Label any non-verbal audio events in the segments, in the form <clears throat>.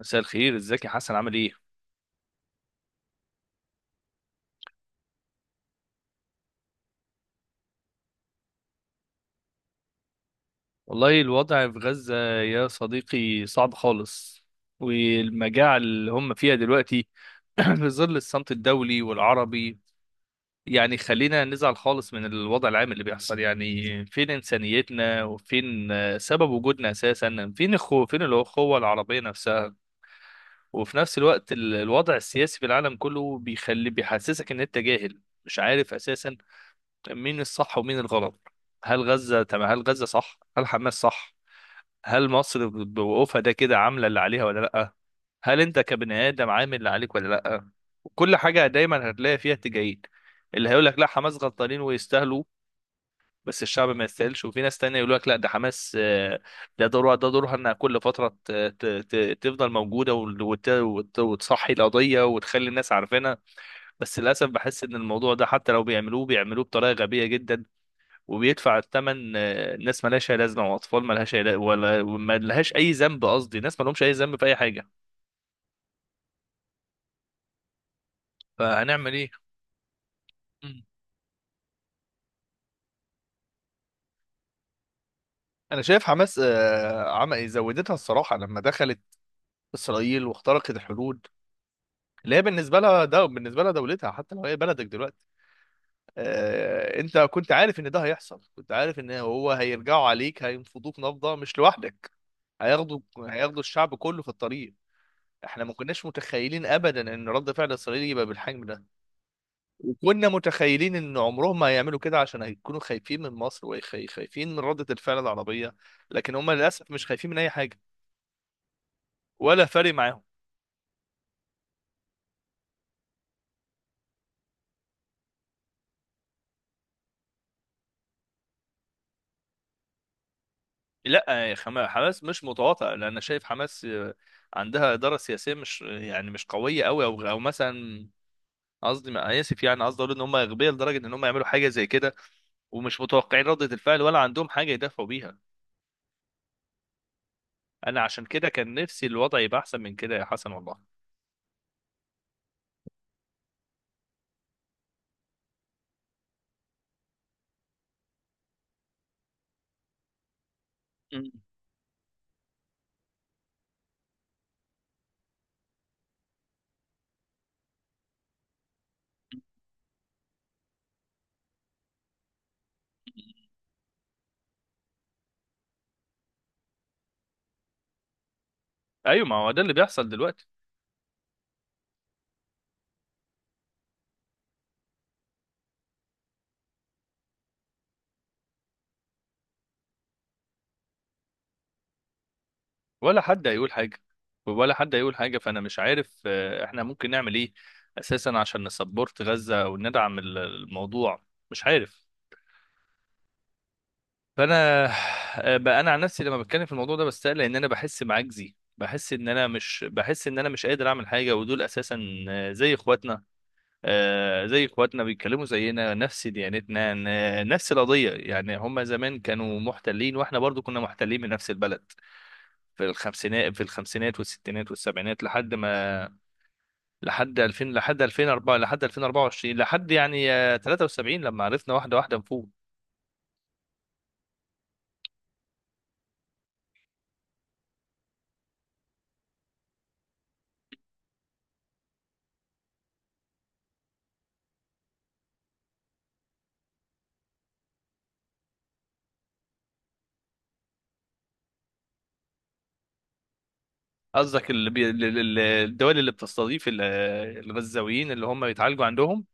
مساء الخير، ازيك يا حسن؟ عامل ايه؟ والله الوضع في غزة يا صديقي صعب خالص، والمجاعة اللي هم فيها دلوقتي <clears throat> في ظل الصمت الدولي والعربي. يعني خلينا نزعل خالص من الوضع العام اللي بيحصل. يعني فين إنسانيتنا، وفين سبب وجودنا أساسا؟ فين الأخوة العربية نفسها؟ وفي نفس الوقت الوضع السياسي في العالم كله بيخلي بيحسسك إن أنت جاهل، مش عارف أساسا مين الصح ومين الغلط. هل غزة تمام؟ هل غزة صح؟ هل حماس صح؟ هل مصر بوقوفها ده كده عاملة اللي عليها ولا لأ؟ هل أنت كبني آدم عامل اللي عليك ولا لأ؟ كل حاجة دايما هتلاقي فيها اتجاهين. اللي هيقول لك لا، حماس غلطانين ويستاهلوا، بس الشعب ما يستاهلش. وفي ناس تانية يقول لك لا، ده حماس، ده دورها انها كل فترة تفضل موجودة، وتصحي القضية وتخلي الناس عارفينها. بس للأسف بحس إن الموضوع ده حتى لو بيعملوه، بطريقة غبية جدا، وبيدفع الثمن ناس مالهاش أي لازمة، وأطفال مالهاش أي ولا ما لهاش أي ذنب. قصدي ناس مالهمش أي ذنب في أي حاجة. فهنعمل إيه؟ مم. انا شايف حماس عمل زودتها الصراحه لما دخلت اسرائيل واخترقت الحدود اللي هي بالنسبه لها، دولتها، حتى لو هي بلدك دلوقتي. انت كنت عارف ان ده هيحصل، كنت عارف ان هو هيرجعوا عليك، هينفضوك نفضه، مش لوحدك. هياخدوا الشعب كله في الطريق. احنا ما كناش متخيلين ابدا ان رد فعل اسرائيل يبقى بالحجم ده، وكنا متخيلين ان عمرهم ما هيعملوا كده، عشان هيكونوا خايفين من مصر وخايفين من ردة الفعل العربية. لكن هم للاسف مش خايفين من اي حاجة، ولا فارق معاهم. لا يا حماس مش متواطئة، لان شايف حماس عندها إدارة سياسية، مش يعني مش قوية قوي، او مثلا، قصدي ما آه، اسف، يعني قصدي اقول ان هم اغبياء لدرجة ان هم يعملوا حاجة زي كده، ومش متوقعين ردة الفعل، ولا عندهم حاجة يدافعوا بيها. انا عشان كده كان نفسي الوضع يبقى احسن من كده يا حسن والله. <laughs> ايوه، ما هو ده اللي بيحصل دلوقتي. ولا حد هيقول حاجة، فأنا مش عارف إحنا ممكن نعمل إيه أساسا عشان نسبورت غزة أو ندعم الموضوع. مش عارف. فأنا آه، بقى أنا عن نفسي لما بتكلم في الموضوع ده بستقل إن أنا بحس بعجزي، بحس إن أنا مش قادر أعمل حاجة، ودول أساسا زي إخواتنا، بيتكلموا زينا، نفس ديانتنا، نفس القضية. يعني هما زمان كانوا محتلين، وإحنا برضو كنا محتلين من نفس البلد في الخمسينات، والستينات والسبعينات، لحد ما لحد 2000، لحد 2004، لحد 2024، لحد يعني 73، لما عرفنا واحده واحده نفوق. قصدك اللي الدول اللي بتستضيف الغزاويين اللي هم بيتعالجوا عندهم؟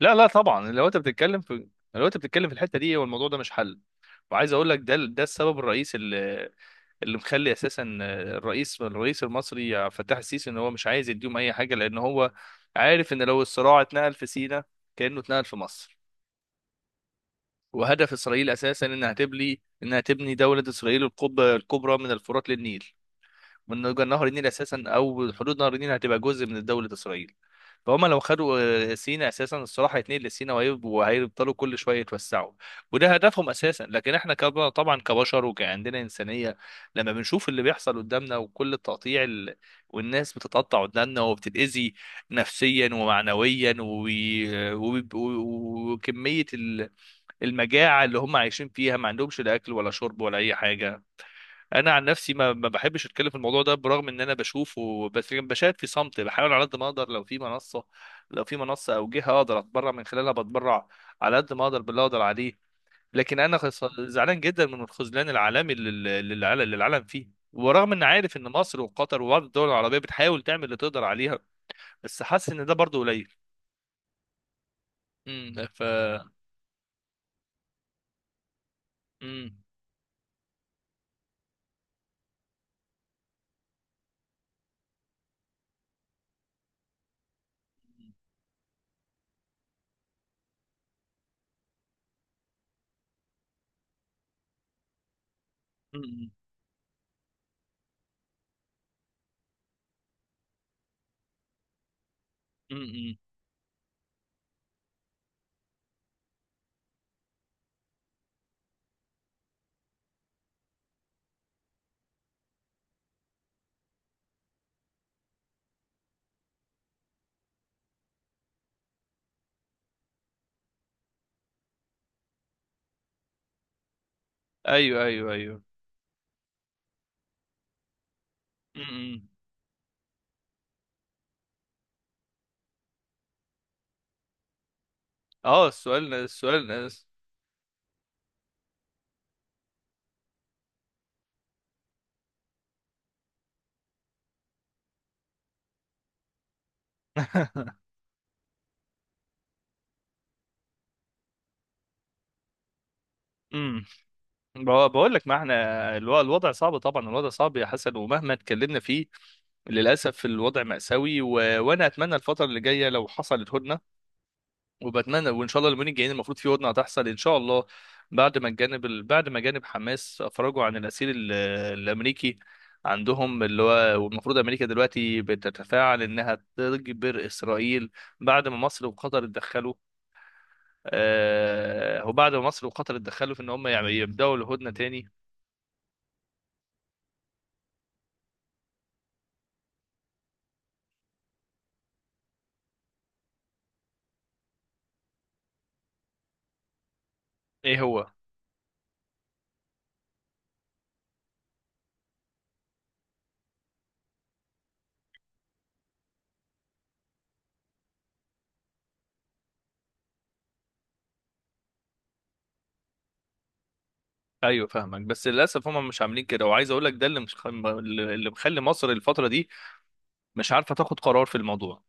لا لا طبعا، لو انت بتتكلم في، الحته دي، والموضوع ده مش حل. وعايز اقول لك ده السبب الرئيسي اللي مخلي اساسا الرئيس المصري فتح السيسي ان هو مش عايز يديهم اي حاجه، لان هو عارف ان لو الصراع اتنقل في سيناء كانه اتنقل في مصر. وهدف اسرائيل اساسا انها تبني، دوله اسرائيل، القبه الكبرى من الفرات للنيل، من نهر النيل. اساسا او حدود نهر النيل هتبقى جزء من دوله اسرائيل. فهم لو خدوا سيناء اساسا الصراحه، هيتنقل لسيناء، وهيفضلوا كل شويه يتوسعوا. وده هدفهم اساسا. لكن احنا طبعا كبشر وكعندنا انسانيه، لما بنشوف اللي بيحصل قدامنا، وكل التقطيع والناس بتتقطع قدامنا وبتتاذي نفسيا ومعنويا، وكميه المجاعه اللي هم عايشين فيها، ما عندهمش لا اكل ولا شرب ولا اي حاجه. انا عن نفسي ما بحبش اتكلم في الموضوع ده، برغم ان انا بشوفه، بس لكن بشاهد في صمت. بحاول على قد ما اقدر، لو في منصه، او جهه اقدر اتبرع من خلالها، بتبرع على قد ما اقدر، باللي اقدر عليه. لكن انا زعلان جدا من الخذلان العالمي اللي العالم فيه، ورغم ان عارف ان مصر وقطر وبعض الدول العربيه بتحاول تعمل اللي تقدر عليها، بس حاسس ان ده برضه قليل. ف امم. امم. امم. ايوه، ايوه، ايوه. امم. اه، السؤال. <laughs> امم. بقول لك، ما احنا الوضع صعب، طبعا الوضع صعب يا حسن، ومهما اتكلمنا فيه، للاسف الوضع مأساوي. وانا اتمنى الفتره اللي جايه لو حصلت هدنه، وبتمنى، وان شاء الله اليومين الجايين المفروض في هدنه هتحصل ان شاء الله، بعد ما جانب حماس افرجوا عن الاسير الامريكي عندهم، اللي هو، والمفروض امريكا دلوقتي بتتفاعل انها تجبر اسرائيل بعد ما مصر وقطر اتدخلوا. في ان هم يعني يبداوا الهدنه تاني. ايه هو؟ ايوه، فاهمك، بس للاسف هم مش عاملين كده. وعايز اقول لك ده اللي مش اللي مخلي مصر الفتره دي مش عارفه تاخد قرار في الموضوع،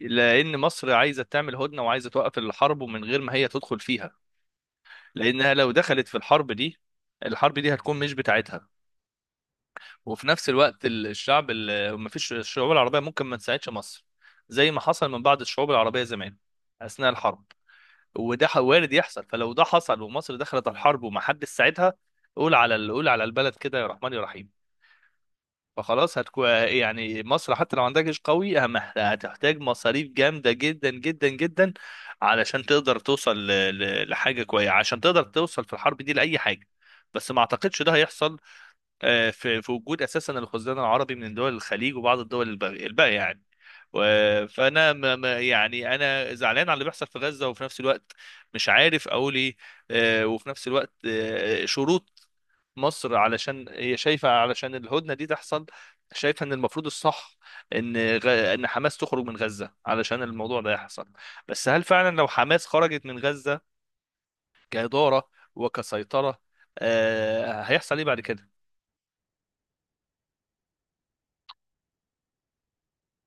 لان مصر عايزه تعمل هدنه، وعايزه توقف الحرب، ومن غير ما هي تدخل فيها، لانها لو دخلت في الحرب دي، الحرب دي هتكون مش بتاعتها. وفي نفس الوقت الشعب، ما فيش الشعوب العربيه ممكن ما تساعدش مصر، زي ما حصل من بعض الشعوب العربيه زمان اثناء الحرب. وده وارد يحصل، فلو ده حصل ومصر دخلت الحرب ومحدش ساعدها، قول على البلد كده، يا رحمن يا رحيم. فخلاص هتكون يعني مصر حتى لو عندها جيش قوي، هتحتاج مصاريف جامدة جدا جدا جدا، علشان تقدر توصل لحاجة كويسة، عشان تقدر توصل في الحرب دي لأي حاجة. بس ما اعتقدش ده هيحصل في وجود اساسا الخزان العربي من دول الخليج، وبعض الدول الباقية يعني. فانا يعني انا زعلان على اللي بيحصل في غزة، وفي نفس الوقت مش عارف اقول ايه. وفي نفس الوقت، شروط مصر، علشان هي شايفة، علشان الهدنة دي تحصل، شايفة ان المفروض الصح ان ان حماس تخرج من غزة علشان الموضوع ده يحصل. بس هل فعلا لو حماس خرجت من غزة كإدارة وكسيطرة هيحصل ايه بعد كده؟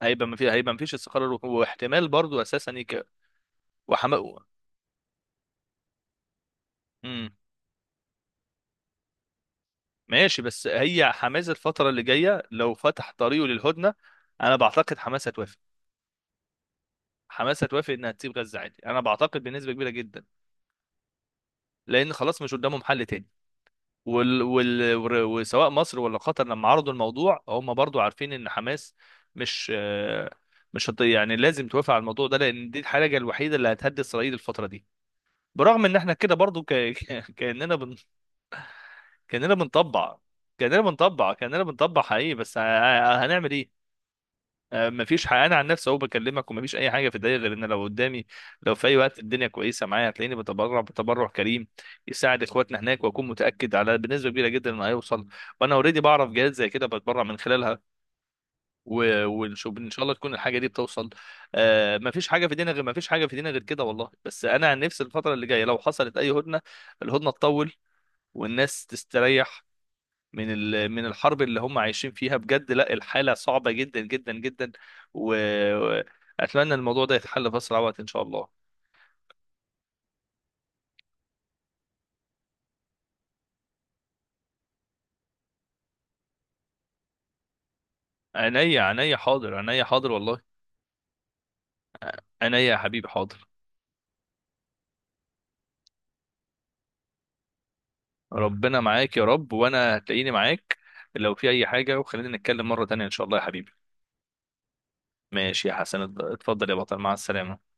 هيبقى ما فيش استقرار، واحتمال برضو اساسا وحما... مم. ماشي، بس هي حماس الفترة اللي جاية لو فتح طريقه للهدنة، انا بعتقد حماس هتوافق. حماس هتوافق انها تسيب غزة عادي، انا بعتقد بنسبة كبيرة جدا، لان خلاص مش قدامهم حل تاني. وسواء مصر ولا قطر لما عرضوا الموضوع، هم برضو عارفين ان حماس مش يعني لازم توافق على الموضوع ده، لان دي الحاجه الوحيده اللي هتهدي اسرائيل الفتره دي. برغم ان احنا كده برضو <laughs> كاننا بنطبع، كاننا بنطبع حقيقي، بس هنعمل ايه؟ مفيش حق. انا عن نفسي اهو بكلمك، ومفيش اي حاجه في الدنيا غير ان لو قدامي، لو في اي وقت الدنيا كويسه معايا، هتلاقيني بتبرع، كريم، يساعد اخواتنا هناك، واكون متاكد على بنسبه كبيره جدا انه هيوصل. وانا اوريدي بعرف جهات زي كده بتبرع من خلالها. ونشوف ان شاء الله تكون الحاجه دي بتوصل. مفيش حاجه في الدنيا غير، كده والله. بس انا عن نفسي الفتره اللي جايه لو حصلت اي هدنه، الهدنه تطول، والناس تستريح من من الحرب اللي هم عايشين فيها بجد. لا، الحالة صعبة جدا جدا جدا. وأتمنى الموضوع ده يتحل في أسرع وقت إن شاء الله. عينيا، عينيا حاضر، والله. عينيا يا حبيبي، حاضر. ربنا معاك يا رب، وأنا هتلاقيني معاك لو في أي حاجة. وخلينا نتكلم مرة تانية إن شاء الله يا حبيبي. ماشي يا حسن، اتفضل يا بطل، مع السلامة.